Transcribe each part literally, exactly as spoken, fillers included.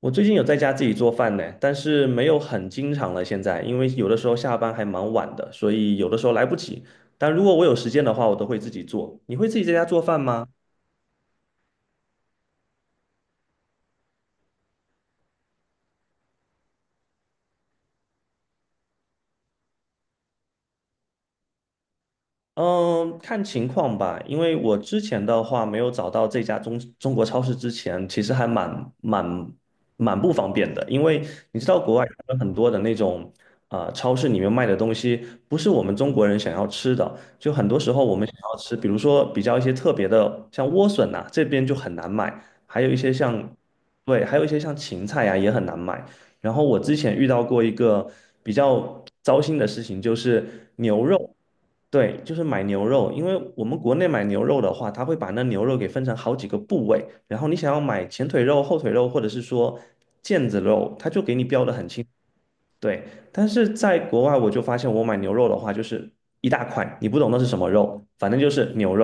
我最近有在家自己做饭呢，但是没有很经常了。现在，因为有的时候下班还蛮晚的，所以有的时候来不及。但如果我有时间的话，我都会自己做。你会自己在家做饭吗？嗯，看情况吧，因为我之前的话没有找到这家中中国超市之前，其实还蛮蛮蛮不方便的，因为你知道国外哦有很多的那种啊、呃超市里面卖的东西不是我们中国人想要吃的，就很多时候我们想要吃，比如说比较一些特别的，像莴笋呐、这边就很难买，还有一些像对，还有一些像芹菜呀、也很难买。然后我之前遇到过一个比较糟心的事情，就是牛肉。对，就是买牛肉，因为我们国内买牛肉的话，它会把那牛肉给分成好几个部位，然后你想要买前腿肉、后腿肉，或者是说腱子肉，它就给你标的很清。对，但是在国外我就发现，我买牛肉的话，就是一大块，你不懂那是什么肉，反正就是牛肉。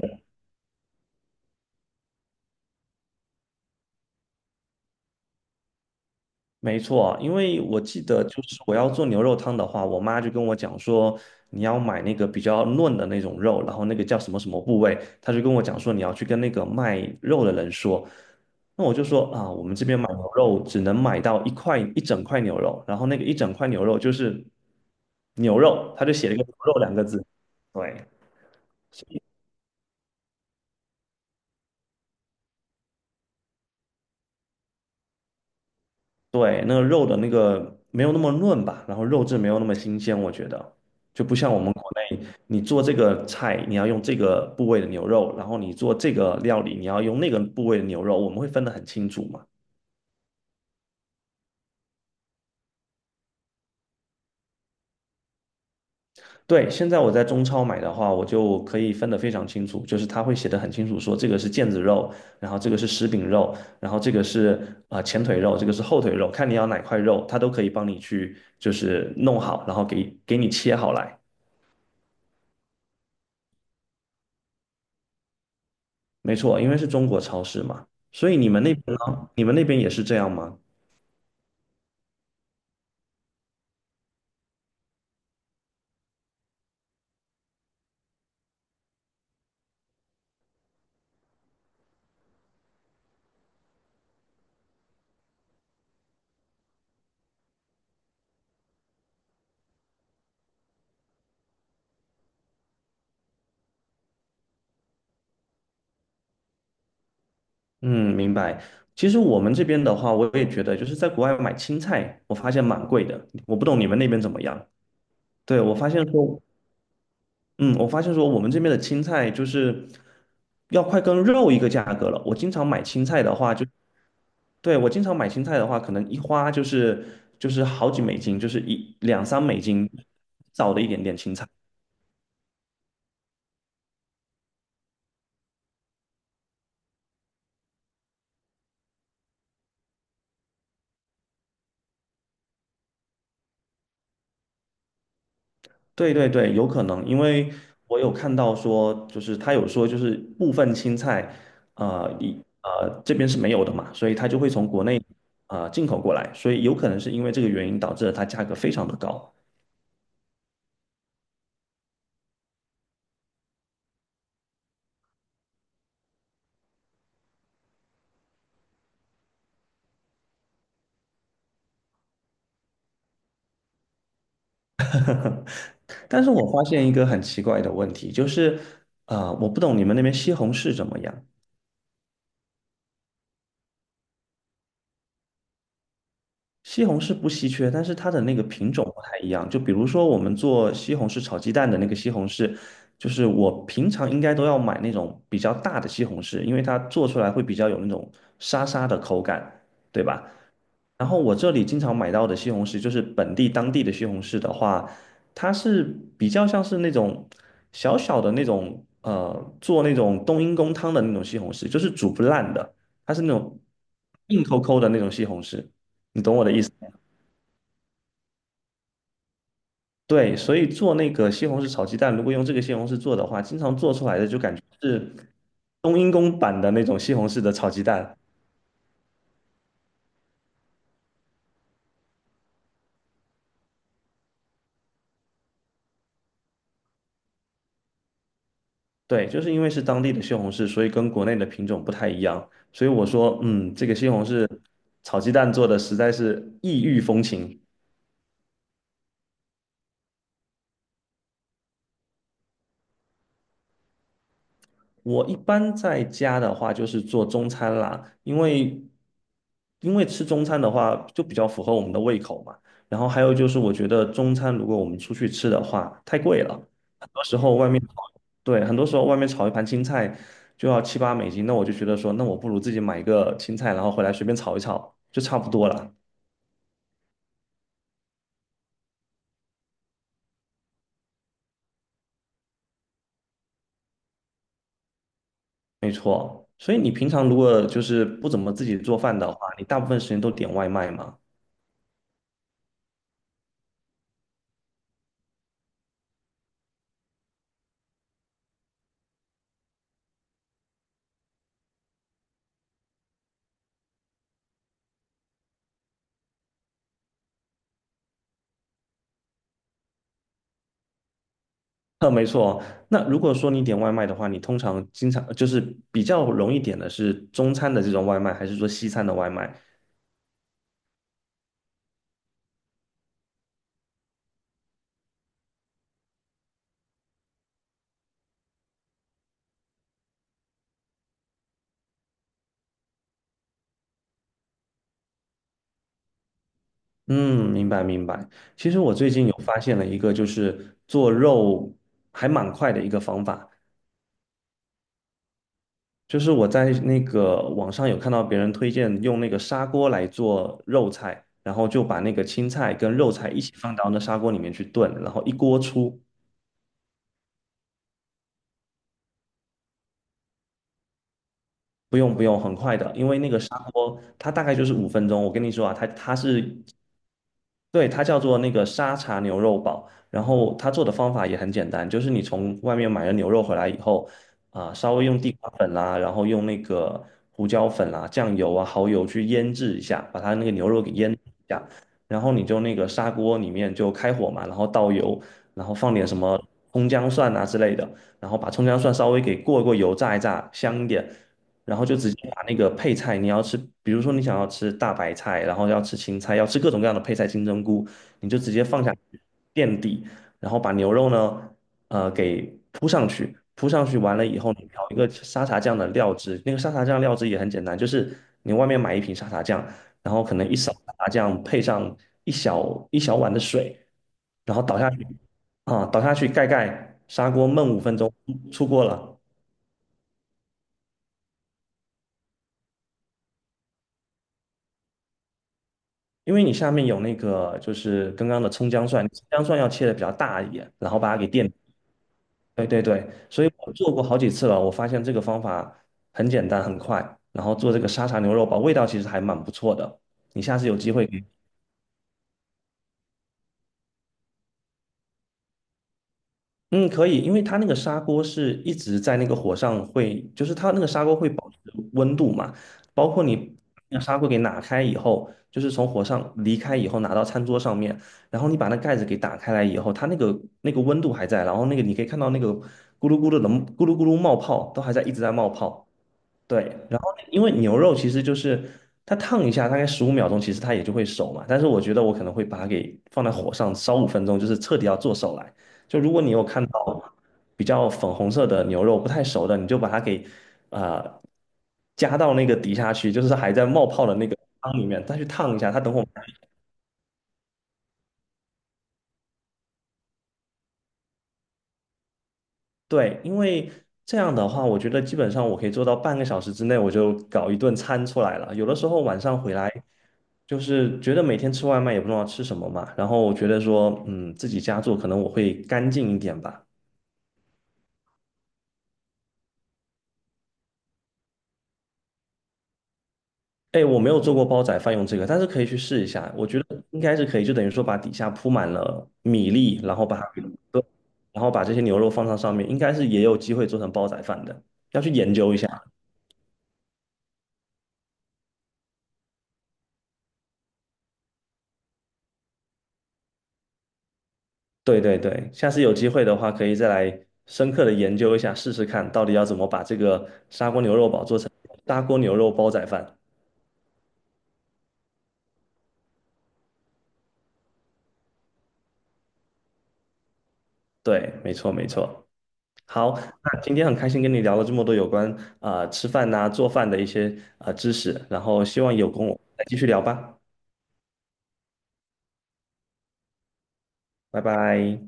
没错，因为我记得就是我要做牛肉汤的话，我妈就跟我讲说，你要买那个比较嫩的那种肉，然后那个叫什么什么部位，她就跟我讲说你要去跟那个卖肉的人说。那我就说啊，我们这边买牛肉只能买到一块一整块牛肉，然后那个一整块牛肉就是牛肉，他就写了一个牛肉两个字，对，对，那个肉的那个没有那么嫩吧，然后肉质没有那么新鲜，我觉得就不像我们国内，你做这个菜你要用这个部位的牛肉，然后你做这个料理你要用那个部位的牛肉，我们会分得很清楚嘛。对，现在我在中超买的话，我就可以分得非常清楚，就是它会写得很清楚，说这个是腱子肉，然后这个是食饼肉，然后这个是啊、呃前腿肉，这个是后腿肉，看你要哪块肉，它都可以帮你去就是弄好，然后给给你切好来。没错，因为是中国超市嘛，所以你们那边呢？你们那边也是这样吗？嗯，明白。其实我们这边的话，我也觉得就是在国外买青菜，我发现蛮贵的。我不懂你们那边怎么样？对，我发现说，嗯，我发现说我们这边的青菜就是要快跟肉一个价格了。我经常买青菜的话就，对，我经常买青菜的话，可能一花就是就是好几美金，就是一两三美金，少的一点点青菜。对对对，有可能，因为我有看到说，就是他有说，就是部分青菜，呃，一呃这边是没有的嘛，所以他就会从国内呃进口过来，所以有可能是因为这个原因导致了它价格非常的高。但是我发现一个很奇怪的问题，就是呃，我不懂你们那边西红柿怎么样？西红柿不稀缺，但是它的那个品种不太一样。就比如说我们做西红柿炒鸡蛋的那个西红柿，就是我平常应该都要买那种比较大的西红柿，因为它做出来会比较有那种沙沙的口感，对吧？然后我这里经常买到的西红柿，就是本地当地的西红柿的话，它是比较像是那种小小的那种呃，做那种冬阴功汤的那种西红柿，就是煮不烂的，它是那种硬抠抠的那种西红柿，你懂我的意思吗？对，所以做那个西红柿炒鸡蛋，如果用这个西红柿做的话，经常做出来的就感觉是冬阴功版的那种西红柿的炒鸡蛋。对，就是因为是当地的西红柿，所以跟国内的品种不太一样。所以我说，嗯，这个西红柿炒鸡蛋做的实在是异域风情。我一般在家的话，就是做中餐啦，因为因为吃中餐的话，就比较符合我们的胃口嘛。然后还有就是，我觉得中餐如果我们出去吃的话，太贵了，很多时候外面，对，很多时候外面炒一盘青菜就要七八美金，那我就觉得说，那我不如自己买一个青菜，然后回来随便炒一炒，就差不多了。没错，所以你平常如果就是不怎么自己做饭的话，你大部分时间都点外卖嘛？呃，没错哦。那如果说你点外卖的话，你通常经常就是比较容易点的是中餐的这种外卖，还是说西餐的外卖？嗯，明白明白。其实我最近有发现了一个，就是做肉还蛮快的一个方法，就是我在那个网上有看到别人推荐用那个砂锅来做肉菜，然后就把那个青菜跟肉菜一起放到那砂锅里面去炖，然后一锅出。不用不用，很快的，因为那个砂锅它大概就是五分钟。我跟你说啊，它它是对，它叫做那个沙茶牛肉堡，然后它做的方法也很简单，就是你从外面买了牛肉回来以后，啊、稍微用地瓜粉啦，然后用那个胡椒粉啦、酱油啊、蚝油去腌制一下，把它那个牛肉给腌制一下，然后你就那个砂锅里面就开火嘛，然后倒油，然后放点什么葱姜蒜啊之类的，然后把葱姜蒜稍微给过一过油炸一炸，香一点，然后就直接把那个配菜，你要吃，比如说你想要吃大白菜，然后要吃青菜，要吃各种各样的配菜，金针菇，你就直接放下去垫底，然后把牛肉呢，呃，给铺上去，铺上去完了以后，你调一个沙茶酱的料汁，那个沙茶酱料汁也很简单，就是你外面买一瓶沙茶酱，然后可能一勺沙茶酱配上一小一小碗的水，然后倒下去，啊、倒下去盖盖，砂锅焖五分钟，出锅了。因为你下面有那个就是刚刚的葱姜蒜，葱姜蒜要切的比较大一点，然后把它给垫。对对对，所以我做过好几次了，我发现这个方法很简单很快，然后做这个沙茶牛肉煲，味道其实还蛮不错的。你下次有机会可以嗯，可以，因为它那个砂锅是一直在那个火上会，就是它那个砂锅会保持温度嘛，包括你那个砂锅给拿开以后，就是从火上离开以后拿到餐桌上面，然后你把那盖子给打开来以后，它那个那个温度还在，然后那个你可以看到那个咕噜咕噜的咕噜咕噜冒泡都还在一直在冒泡。对，然后因为牛肉其实就是它烫一下，大概十五秒钟，其实它也就会熟嘛。但是我觉得我可能会把它给放在火上烧五分钟，就是彻底要做熟来。就如果你有看到比较粉红色的牛肉不太熟的，你就把它给呃加到那个底下去，就是还在冒泡的那个汤里面，再去烫一下。它等会儿对，因为这样的话，我觉得基本上我可以做到半个小时之内我就搞一顿餐出来了。有的时候晚上回来。就是觉得每天吃外卖也不知道吃什么嘛，然后我觉得说，嗯，自己家做可能我会干净一点吧。哎，我没有做过煲仔饭用这个，但是可以去试一下，我觉得应该是可以，就等于说把底下铺满了米粒，然后把它给炖然后把这些牛肉放到上面，应该是也有机会做成煲仔饭的，要去研究一下。对对对，下次有机会的话，可以再来深刻的研究一下，试试看到底要怎么把这个砂锅牛肉煲做成砂锅牛肉煲仔饭。对，没错没错。好，那今天很开心跟你聊了这么多有关啊、呃吃饭呐、做饭的一些啊、呃知识，然后希望有空我们再继续聊吧，拜拜。